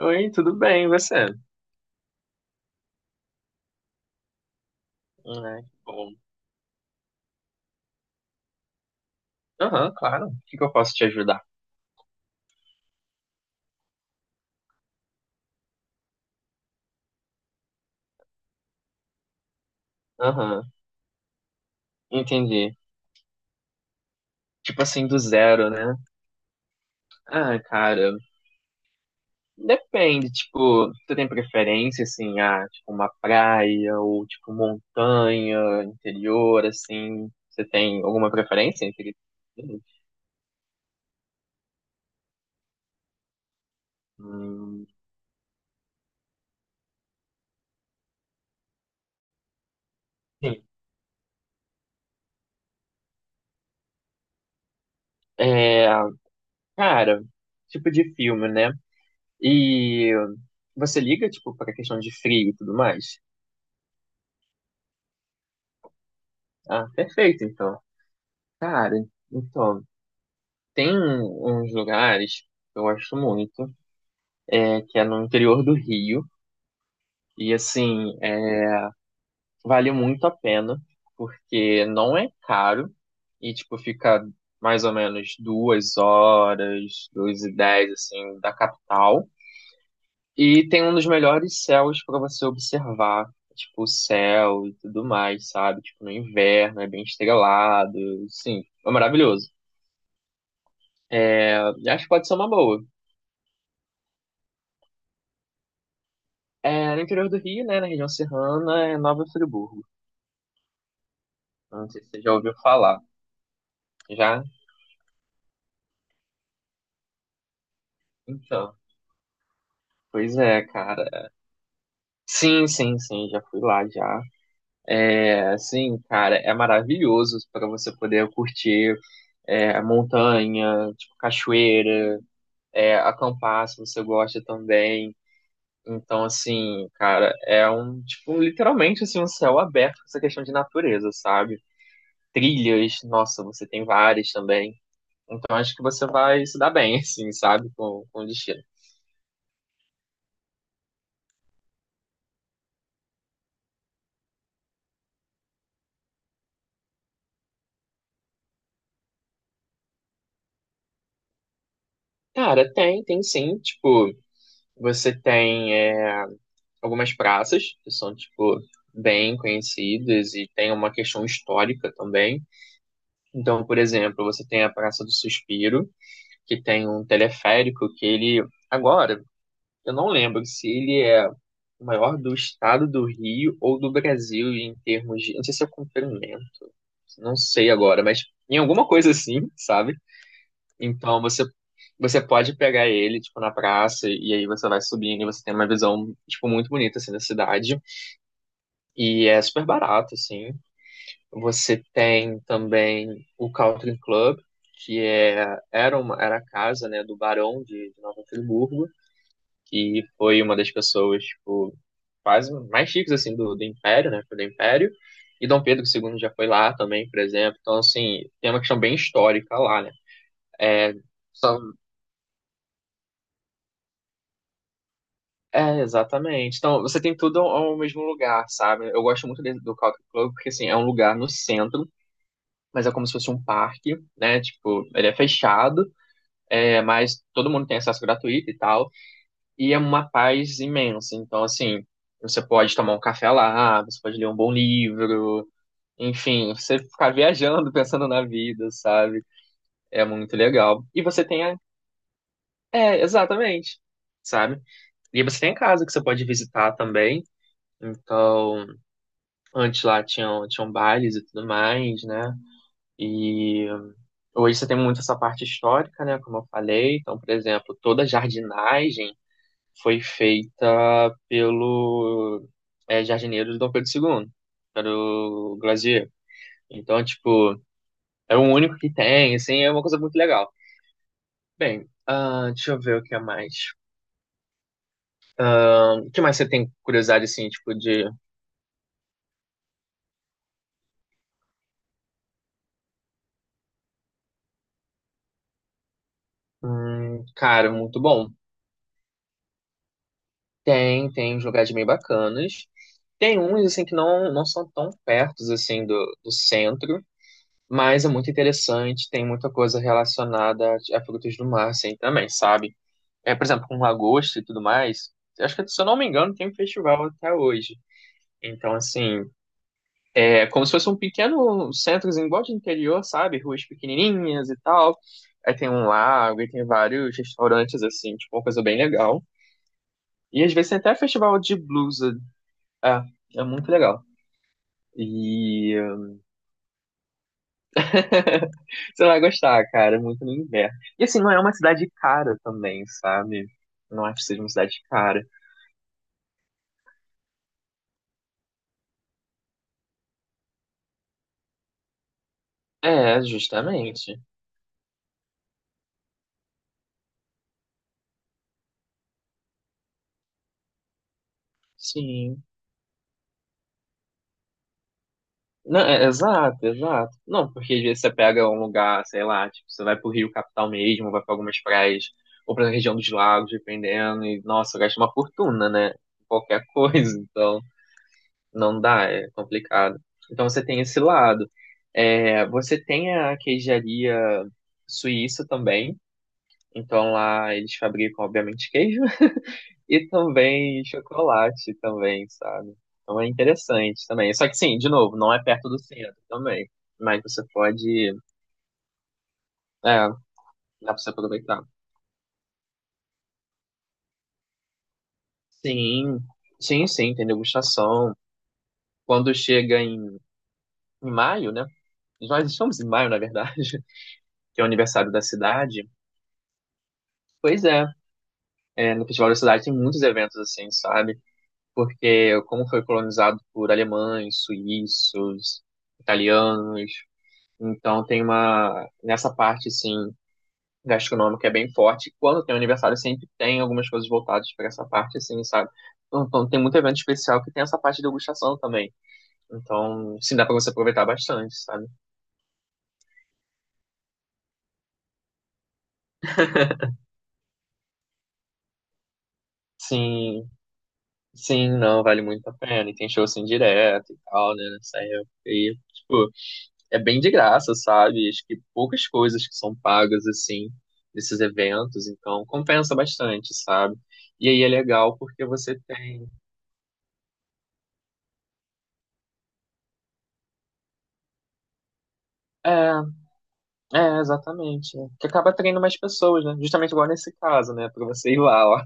Oi, tudo bem, e você? Né? Bom. Aham, claro. O que que eu posso te ajudar? Aham, entendi. Tipo assim, do zero, né? Ah, cara, depende, tipo, tu tem preferência, assim, ah, tipo, uma praia ou, tipo, montanha, interior, assim, você tem alguma preferência entre... Hum, sim. É, cara, tipo de filme, né? E você liga, tipo, pra questão de frio e tudo mais? Ah, perfeito, então. Cara, então, uns lugares que eu gosto muito, é, que é no interior do Rio, e assim, é, vale muito a pena, porque não é caro, e tipo, fica mais ou menos duas horas, duas e dez, assim, da capital, e tem um dos melhores céus para você observar, tipo, o céu e tudo mais, sabe? Tipo, no inverno, é bem estrelado, sim, é maravilhoso. Eu acho que pode ser uma boa. É, no interior do Rio, né, na região serrana, é Nova Friburgo. Não sei se você já ouviu falar. Já? Então. Pois é, cara. Sim, sim, sim, já fui lá já. É, sim, cara, é maravilhoso para você poder curtir é, montanha, tipo cachoeira, é, acampar se você gosta também. Então, assim, cara, é um, tipo, literalmente assim, um céu aberto com essa questão de natureza, sabe? Trilhas, nossa, você tem várias também. Então acho que você vai se dar bem, assim, sabe, com o destino. Cara, tem, tem sim. Tipo, você tem é, algumas praças que são, tipo, bem conhecidas e tem uma questão histórica também. Então, por exemplo, você tem a Praça do Suspiro, que tem um teleférico que ele. Agora, eu não lembro se ele é o maior do estado do Rio ou do Brasil em termos de. Não sei se é comprimento, não sei agora, mas em alguma coisa assim, sabe? Então você pode pegar ele, tipo, na praça, e aí você vai subindo e você tem uma visão, tipo, muito bonita, assim, da cidade. E é super barato, assim. Você tem também o Country Club, que é, era, uma, era a casa, né, do barão de Nova Friburgo, que foi uma das pessoas, tipo, quase mais chiques, assim, do, do Império, né, do Império. E Dom Pedro II já foi lá também, por exemplo. Então, assim, tem uma questão bem histórica lá, né? É, só é, exatamente. Então, você tem tudo ao mesmo lugar, sabe? Eu gosto muito de- do Country Club porque, assim, é um lugar no centro, mas é como se fosse um parque, né? Tipo, ele é fechado, é, mas todo mundo tem acesso gratuito e tal. E é uma paz imensa. Então, assim, você pode tomar um café lá, você pode ler um bom livro, enfim, você ficar viajando, pensando na vida, sabe? É muito legal. E você tem a... É, exatamente, sabe? E você tem a casa que você pode visitar também. Então... Antes lá tinham bailes e tudo mais, né? E hoje você tem muito essa parte histórica, né? Como eu falei. Então, por exemplo, toda a jardinagem foi feita pelo é, jardineiro de Dom Pedro II, era o Glazier. Então, tipo, é o único que tem, assim, é uma coisa muito legal. Bem, ah, deixa eu ver o que é mais. Ah, o que mais você tem curiosidade, assim, tipo, de. Cara, muito bom. Tem, tem uns lugares bem bacanas. Tem uns, assim, que não, não são tão pertos, assim, do, do centro, mas é muito interessante, tem muita coisa relacionada a frutos do mar, assim, também, sabe? É, por exemplo, com lagosta e tudo mais, acho que, se eu não me engano, tem um festival até hoje. Então, assim, é como se fosse um pequeno centrozinho, igual de interior, sabe? Ruas pequenininhas e tal. Aí tem um lago, e tem vários restaurantes, assim, tipo, uma coisa bem legal. E às vezes tem até festival de blues. É, é muito legal. E você vai gostar, cara, é muito no inverno. E assim, não é uma cidade cara também, sabe? Não acho que seja uma cidade cara. É, justamente. Sim. Não, é, exato, exato. Não, porque às vezes você pega um lugar, sei lá, tipo, você vai pro Rio Capital mesmo, vai pra algumas praias, ou pra região dos lagos, dependendo, e nossa, gasta uma fortuna, né? Qualquer coisa, então. Não dá, é complicado. Então você tem esse lado. É, você tem a queijaria suíça também. Então lá eles fabricam, obviamente, queijo e também chocolate também, sabe? Então é interessante também. Só que sim, de novo, não é perto do centro também. Mas você pode. É, dá pra você aproveitar. Sim, sim, sim, tem degustação. Quando chega em maio, né? Nós estamos em maio, na verdade, que é o aniversário da cidade. Pois é, é, no Festival da Cidade tem muitos eventos assim, sabe? Porque como foi colonizado por alemães, suíços, italianos, então tem uma nessa parte assim gastronômica é bem forte. Quando tem aniversário sempre tem algumas coisas voltadas para essa parte assim, sabe? Então tem muito evento especial que tem essa parte de degustação também. Então, sim, dá para você aproveitar bastante, sabe? Sim, sim, não, vale muito a pena. E tem show assim direto e tal, né? Nessa época. E, tipo, é bem de graça, sabe? Acho que poucas coisas que são pagas assim nesses eventos, então compensa bastante, sabe? E aí é legal porque você tem. É, é, exatamente, né? Que acaba atraindo mais pessoas, né? Justamente igual nesse caso, né? Pra você ir lá, ó.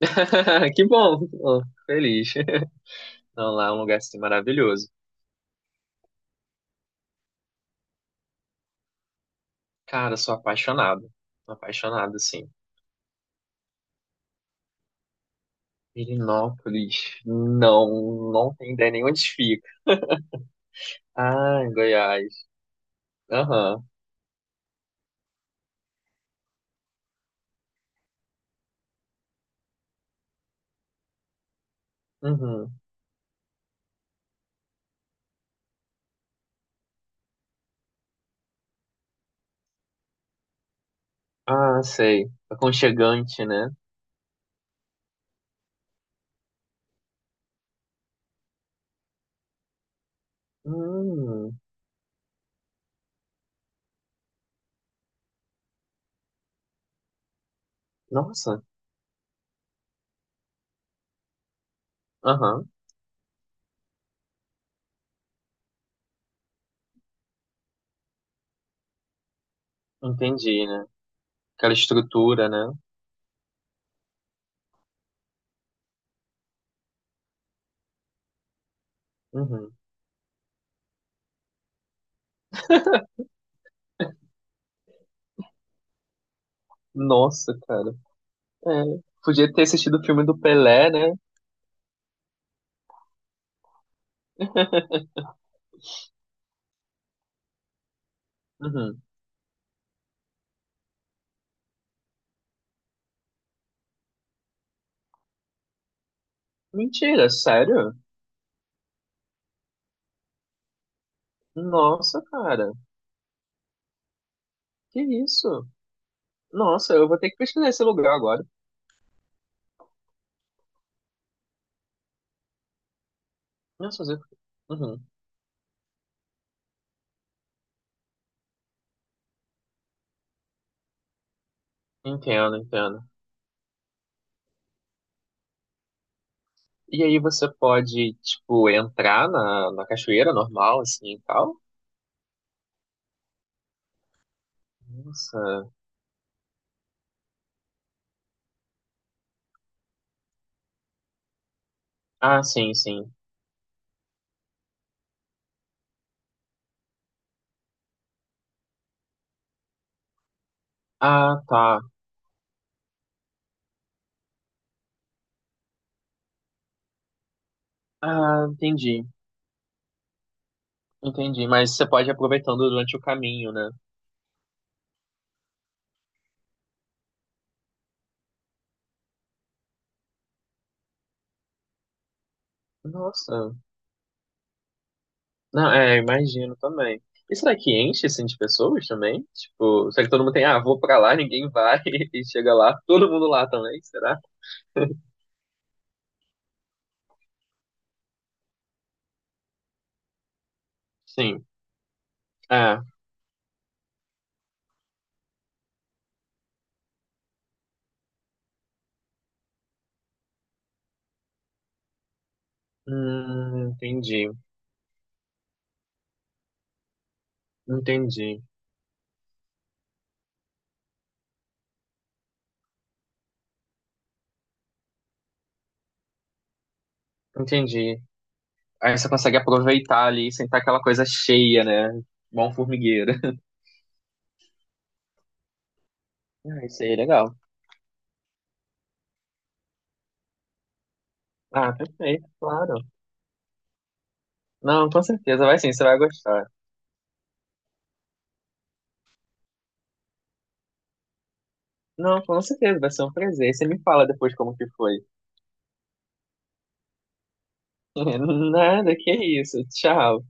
É, que bom! Tô feliz. Não, lá é um lugar assim maravilhoso. Cara, sou apaixonado. Sou apaixonado, assim. Pirinópolis. Não, não tem ideia nem onde fica. Ah, em Goiás. Aham. Uhum. Ah, sei. Aconchegante, né? Hum, nossa. Aham, entendi, né? Aquela estrutura, né? Uhum. Nossa, cara. É, podia ter assistido o filme do Pelé, né? Uhum. Mentira, sério? Nossa, cara. Que isso? Nossa, eu vou ter que pesquisar esse lugar agora. Nossa, mas eu- uhum. Entendo, entendo. E aí você pode, tipo, entrar na, na cachoeira normal, assim, e tal? Nossa. Ah, sim, sim. Ah, tá. Ah, entendi. Entendi. Mas você pode ir aproveitando durante o caminho, né? Nossa. Não, é, imagino também. Isso daqui enche, assim, de pessoas também? Tipo, será que todo mundo tem, ah, vou pra lá, ninguém vai e chega lá, todo mundo lá também, será? Sim. É. Entendi. Entendi. Entendi. Aí você consegue aproveitar ali, sem estar aquela coisa cheia, né? Bom formigueiro. Ah, isso aí é legal. Ah, perfeito, claro. Não, com certeza, vai sim, você vai gostar. Não, com certeza, vai ser um prazer. Você me fala depois como que foi. Nada, que isso. Tchau.